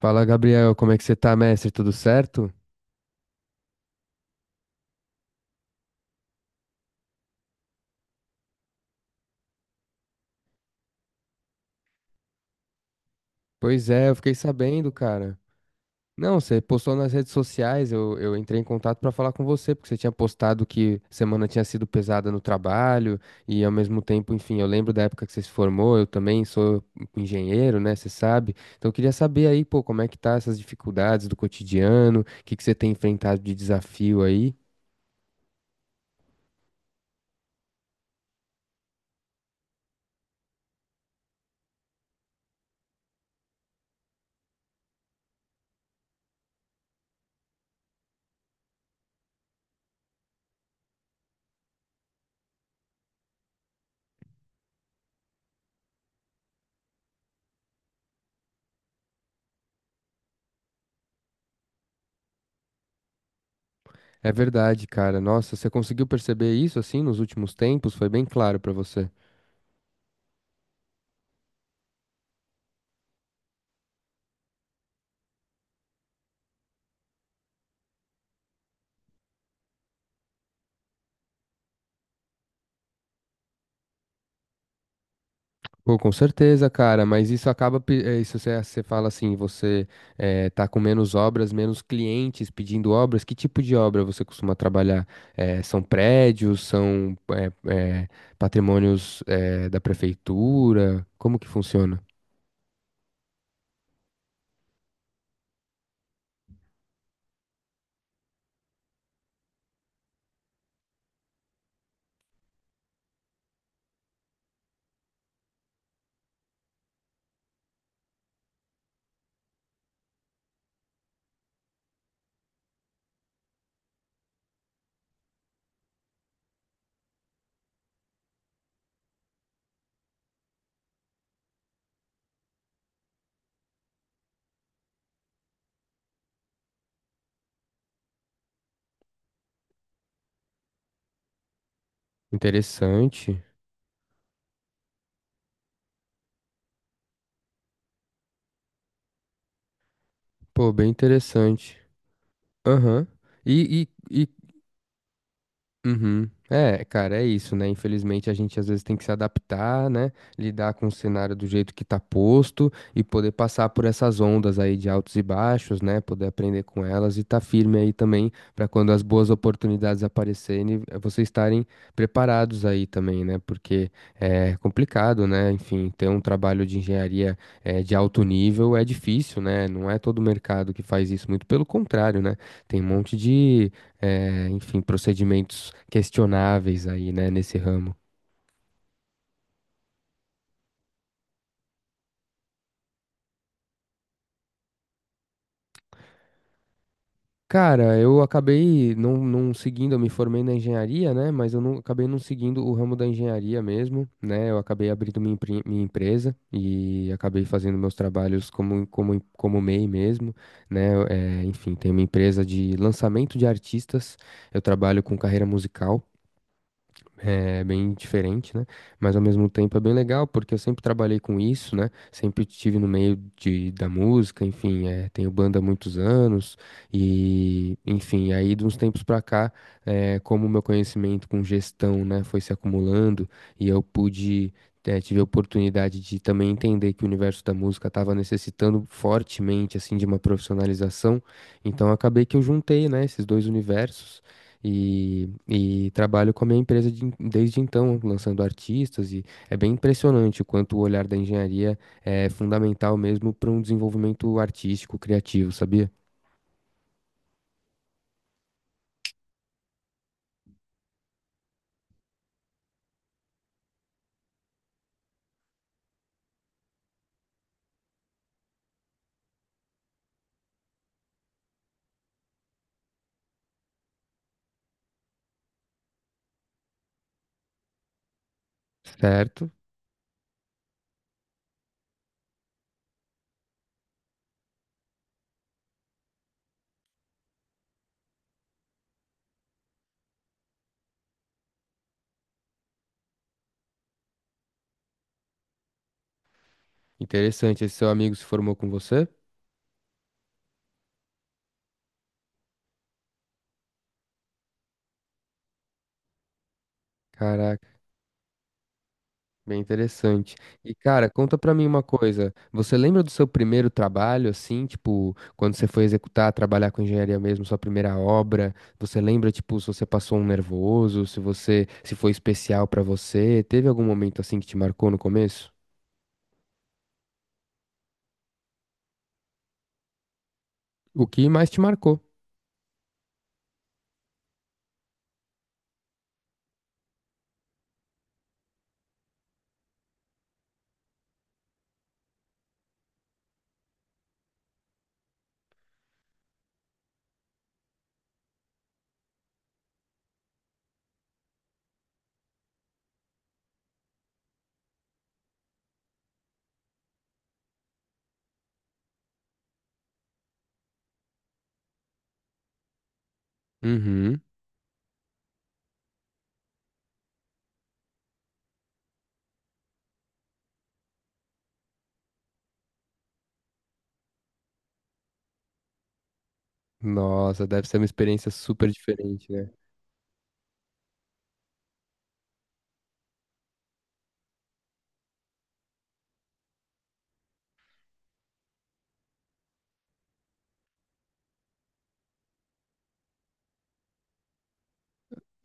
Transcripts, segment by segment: Fala, Gabriel, como é que você tá, mestre? Tudo certo? Pois é, eu fiquei sabendo, cara. Não, você postou nas redes sociais, eu entrei em contato pra falar com você, porque você tinha postado que semana tinha sido pesada no trabalho, e ao mesmo tempo, enfim, eu lembro da época que você se formou, eu também sou engenheiro, né, você sabe? Então eu queria saber aí, pô, como é que tá essas dificuldades do cotidiano, o que que você tem enfrentado de desafio aí? É verdade, cara. Nossa, você conseguiu perceber isso assim nos últimos tempos? Foi bem claro pra você. Pô, com certeza, cara, mas isso acaba, isso você fala assim, você tá com menos obras, menos clientes pedindo obras, que tipo de obra você costuma trabalhar? São prédios, são eh, patrimônios da prefeitura? Como que funciona? Interessante. Pô, bem interessante. Aham. E, e, e Uhum. É, cara, é isso, né? Infelizmente a gente às vezes tem que se adaptar, né? Lidar com o cenário do jeito que tá posto e poder passar por essas ondas aí de altos e baixos, né? Poder aprender com elas e tá firme aí também pra quando as boas oportunidades aparecerem, vocês estarem preparados aí também, né? Porque é complicado, né? Enfim, ter um trabalho de engenharia de alto nível é difícil, né? Não é todo mercado que faz isso, muito pelo contrário, né? Tem um monte de enfim, procedimentos questionáveis aí, né, nesse ramo. Cara, eu acabei não seguindo, eu me formei na engenharia, né? Mas eu não, acabei não seguindo o ramo da engenharia mesmo, né? Eu acabei abrindo minha, minha empresa e acabei fazendo meus trabalhos como MEI mesmo, né? É, enfim, tenho uma empresa de lançamento de artistas, eu trabalho com carreira musical. É bem diferente, né? Mas ao mesmo tempo é bem legal, porque eu sempre trabalhei com isso, né? Sempre estive no meio de, da música, enfim, é, tenho banda há muitos anos, e enfim, aí de uns tempos pra cá, é, como o meu conhecimento com gestão, né, foi se acumulando, e eu pude, é, tive a oportunidade de também entender que o universo da música estava necessitando fortemente, assim, de uma profissionalização, então acabei que eu juntei, né, esses dois universos. E trabalho com a minha empresa desde então, lançando artistas, e é bem impressionante o quanto o olhar da engenharia é fundamental mesmo para um desenvolvimento artístico, criativo, sabia? Certo? Interessante. Esse seu amigo se formou com você? Caraca. Bem interessante. E, cara, conta pra mim uma coisa. Você lembra do seu primeiro trabalho, assim, tipo, quando você foi executar, trabalhar com engenharia mesmo, sua primeira obra? Você lembra, tipo, se você passou um nervoso, se você, se foi especial pra você? Teve algum momento assim que te marcou no começo? O que mais te marcou? Uhum. Nossa, deve ser uma experiência super diferente, né?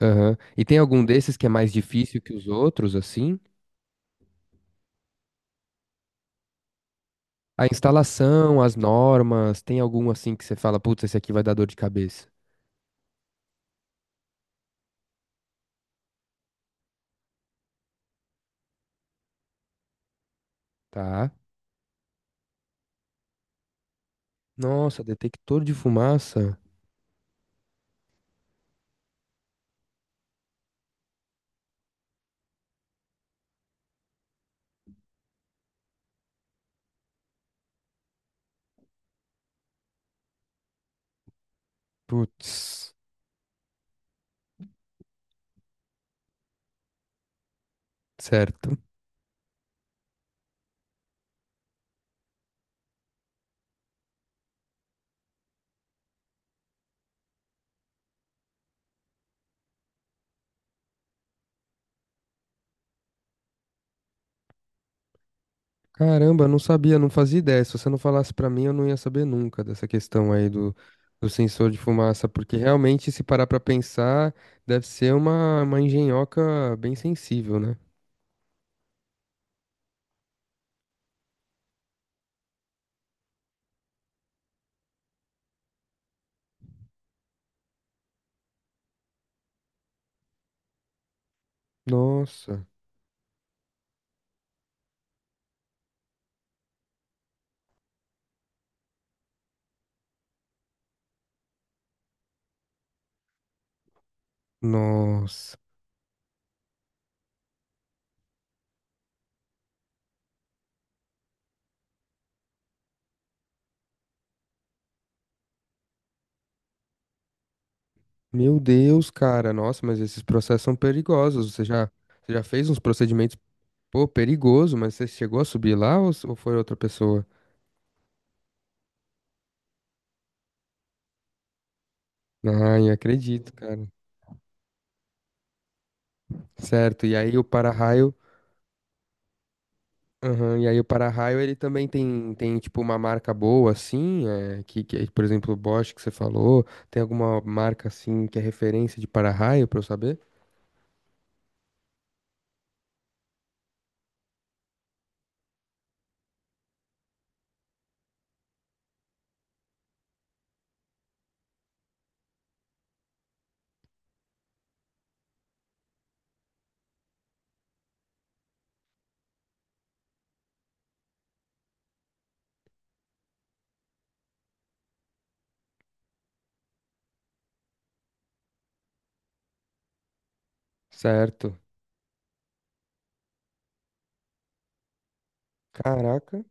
Aham. E tem algum desses que é mais difícil que os outros, assim? A instalação, as normas, tem algum assim que você fala, putz, esse aqui vai dar dor de cabeça? Tá. Nossa, detector de fumaça? Putz, certo. Caramba, não sabia, não fazia ideia. Se você não falasse pra mim, eu não ia saber nunca dessa questão aí do, do sensor de fumaça, porque realmente, se parar pra pensar, deve ser uma engenhoca bem sensível, né? Nossa, nossa. Meu Deus, cara, nossa, mas esses processos são perigosos. Você já fez uns procedimentos, pô, perigoso, mas você chegou a subir lá ou foi outra pessoa? Ai, acredito, cara. Certo, e aí o para-raio, aham, e aí o para-raio ele também tem, tem tipo uma marca boa assim, é, que é, por exemplo, o Bosch que você falou, tem alguma marca assim que é referência de para-raio para eu saber? Certo. Caraca.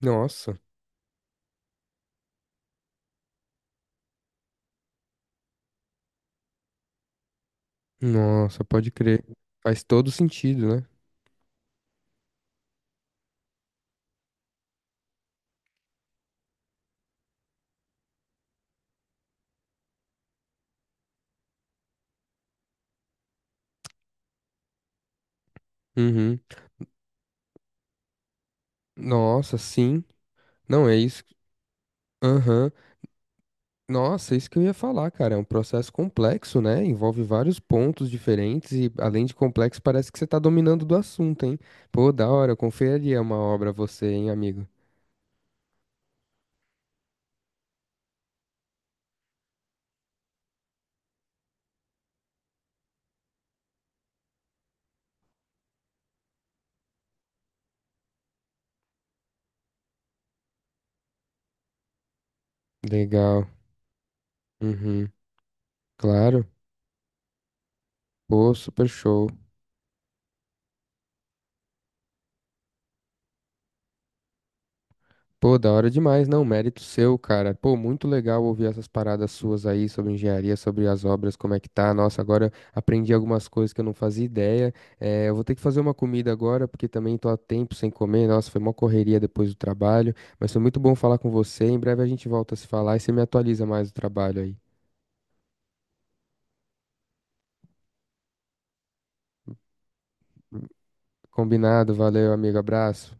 Nossa. Nossa, pode crer. Faz todo sentido, né? Uhum. Nossa, sim. Não, é isso. Aham. Nossa, é isso que eu ia falar, cara. É um processo complexo, né? Envolve vários pontos diferentes e, além de complexo, parece que você tá dominando do assunto, hein? Pô, da hora, eu confiaria uma obra a você, hein, amigo? Legal. Uhum. Claro. Pô, super show. Pô, da hora demais, não, mérito seu, cara. Pô, muito legal ouvir essas paradas suas aí sobre engenharia, sobre as obras, como é que tá. Nossa, agora aprendi algumas coisas que eu não fazia ideia. Eu vou ter que fazer uma comida agora, porque também tô há tempo sem comer. Nossa, foi uma correria depois do trabalho, mas foi muito bom falar com você. Em breve a gente volta a se falar e você me atualiza mais do trabalho aí. Combinado, valeu, amigo, abraço.